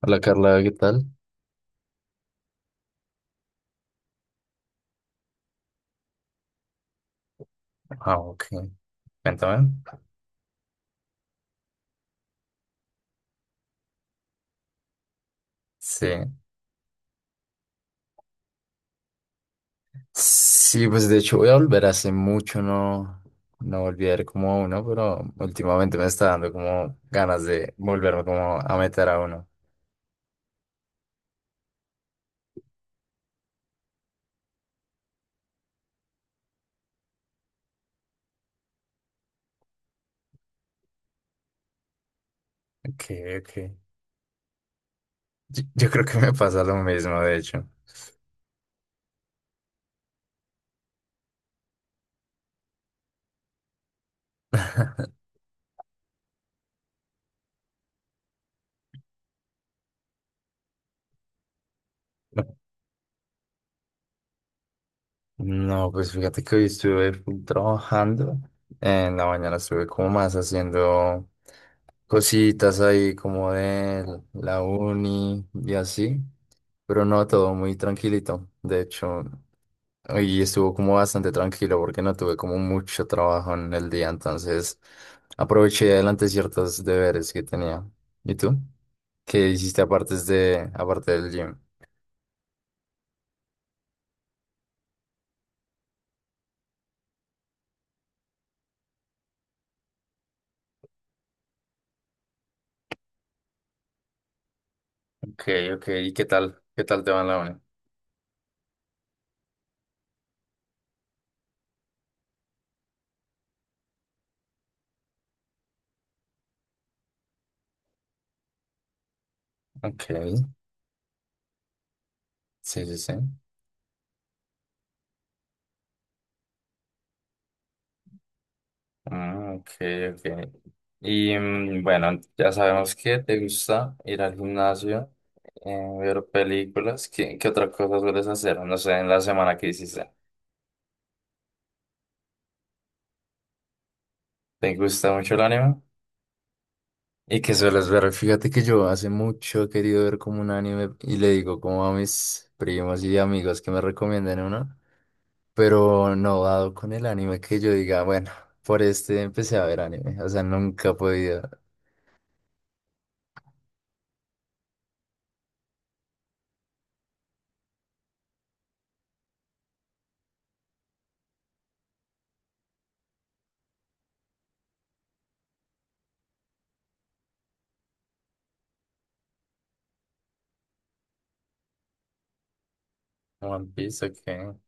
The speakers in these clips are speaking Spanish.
Hola Carla, ¿qué tal? Ah, ok. Cuéntame. Sí. Sí, pues de hecho voy a volver hace mucho, no, no volví a ir como a uno, pero últimamente me está dando como ganas de volverme como a meter a uno. Ok, ok. Yo creo que me pasa lo mismo, de hecho. No, pues fíjate que hoy estuve full trabajando. En la mañana estuve como más haciendo cositas ahí como de la uni y así. Pero no, todo muy tranquilito. De hecho, hoy estuvo como bastante tranquilo porque no tuve como mucho trabajo en el día, entonces aproveché y adelanté ciertos deberes que tenía. ¿Y tú? ¿Qué hiciste aparte del gym? Ok, ok. ¿Y qué tal? ¿Qué tal te va en la uni? Ok, sí, sí, sí. Ah, ok, ok. Y bueno, ya sabemos que te gusta ir al gimnasio, ver películas. ¿Qué otra cosa sueles hacer? No sé, en la semana que hiciste. ¿Te gusta mucho el anime? ¿Y qué sueles ver? Fíjate que yo hace mucho he querido ver como un anime y le digo como a mis primos y amigos que me recomienden uno, pero no dado con el anime que yo diga, bueno, por este empecé a ver anime. O sea, nunca he podido. One Piece, ok.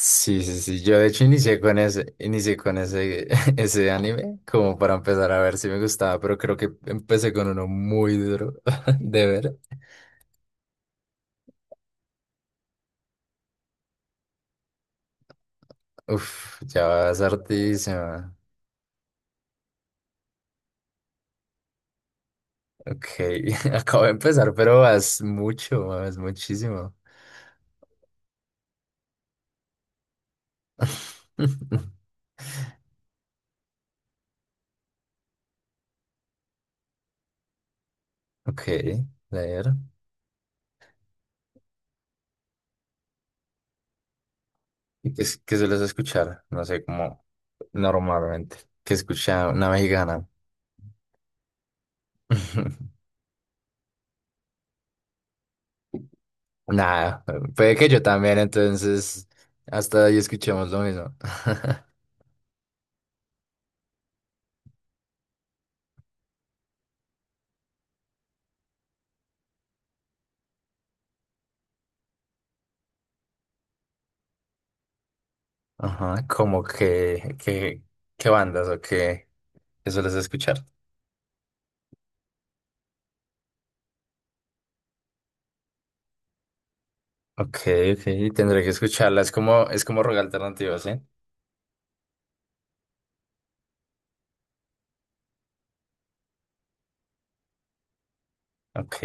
Sí, sí, sí. Yo de hecho inicié con ese, ese anime como para empezar a ver si me gustaba, pero creo que empecé con uno muy duro de ver. Uf, ya vas hartísima. Ok, acabo de empezar, pero vas mucho, vas muchísimo. Ok, leer. ¿Y qué sueles escuchar? No sé, como normalmente. ¿Qué escucha una mexicana? Nada, puede que yo también, entonces hasta ahí escuchemos lo mismo. Ajá, como qué bandas o qué sueles escuchar. Ok, ok, tendré que escucharla. Es como rock alternativo, ¿sí? Ok.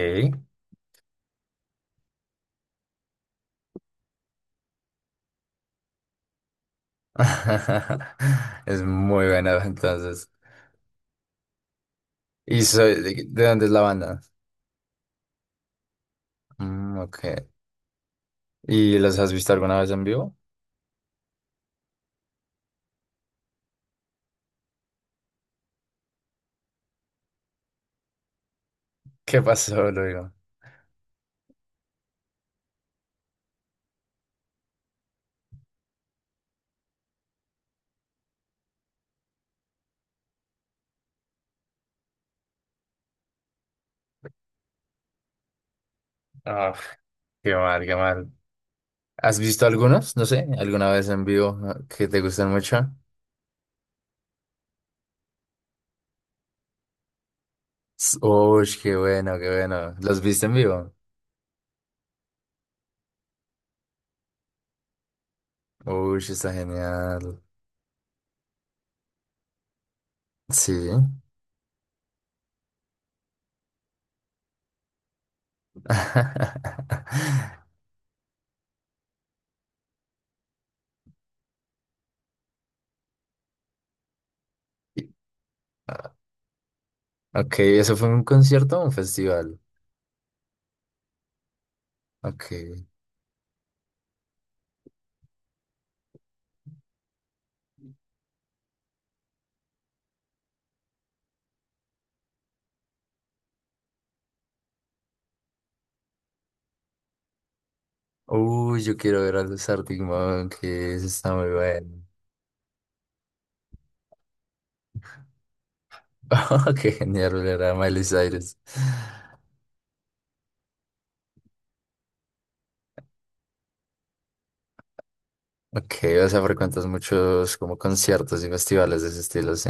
Es muy buena, entonces. ¿Y de dónde es la banda? Mm, ok. ¿Y los has visto alguna vez en vivo? ¿Qué pasó, Luego? Ah, qué mal, qué mal. ¿Has visto algunos? No sé, alguna vez en vivo ah, que te gustan mucho. S- Uy, qué bueno, qué bueno. ¿Los viste en vivo? Uy, está genial. Sí. Y- Ok, ¿eso fue un concierto o un festival? Ok. Uy, yo quiero ver a los Arctic Monkeys, está muy bueno. Qué genial ver a Miley Cyrus. Ok, o sea, frecuentas muchos como conciertos y festivales de ese estilo, ¿sí?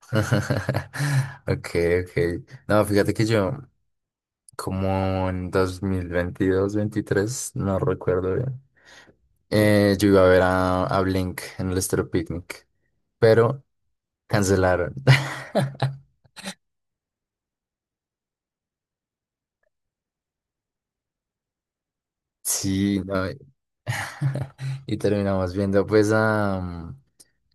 Okay, okay. No, fíjate que yo, como en 2022, veintitrés, no recuerdo bien, yo iba a ver a Blink en el Estéreo Picnic, pero cancelaron. Sí, no, y terminamos viendo pues a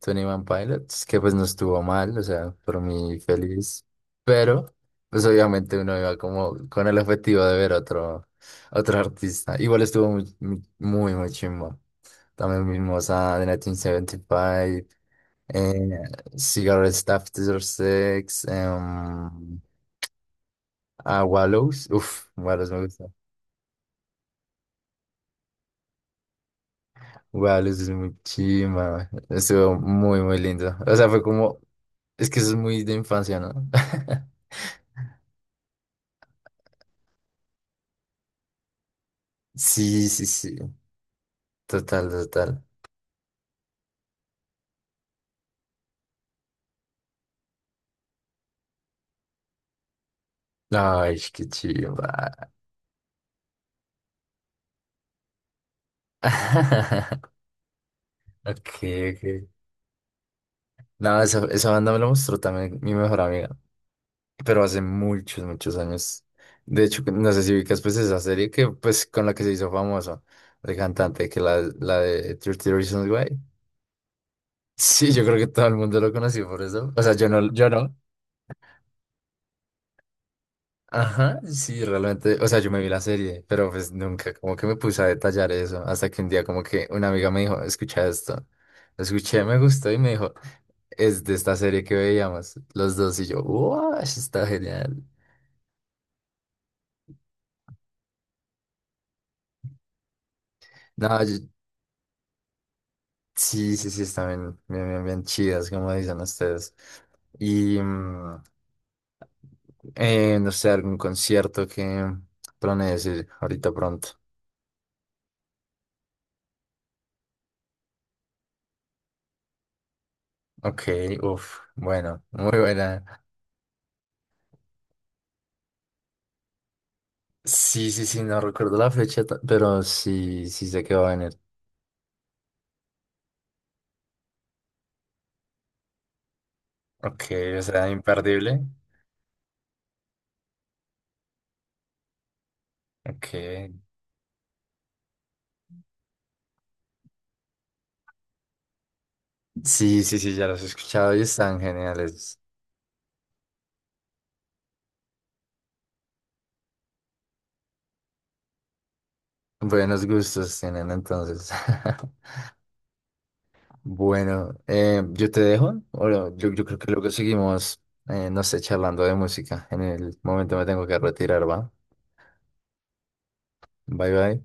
Tony One Pilots, que pues no estuvo mal, o sea, por mí feliz. Pero, pues obviamente uno iba como con el objetivo de ver otro artista. Igual estuvo muy, muy, muy, muy chimbo. También vimos a The 1975, eh, Cigarette Staff 6, em, a Wallows. Uf, Wallows me gusta. Wallows es muy chimba. Estuvo muy, muy lindo. O sea, fue como. Es que eso es muy de infancia, ¿no? Sí, sí, sí. Total, total. Ay, qué chimba. Ok, ok. No, esa banda me la mostró también mi mejor amiga, pero hace muchos, muchos años. De hecho, no sé si ubicas pues esa serie que pues con la que se hizo famoso, el cantante, que la de 30 Reasons Why. Sí, yo creo que todo el mundo lo conoció por eso. O sea, yo no, yo no. Ajá, sí, realmente, o sea, yo me vi la serie, pero pues nunca como que me puse a detallar eso, hasta que un día como que una amiga me dijo, escucha esto, lo escuché, me gustó y me dijo, es de esta serie que veíamos los dos y yo, wow, está genial. No, yo- sí, sí, sí, están bien, bien, bien, bien chidas, como dicen ustedes. Y, no sé, algún concierto que planees ir ahorita pronto. Ok, uff, bueno, muy buena. Sí, sí, sí, no recuerdo la fecha, ta- pero sí, sí sé que va a venir. Ok, o sea, imperdible. Ok. Sí, sí, sí, ya los he escuchado y están geniales. Buenos gustos tienen entonces. Bueno, yo te dejo. Bueno, yo creo que luego seguimos, no sé, charlando de música. En el momento me tengo que retirar, ¿va? Bye, bye.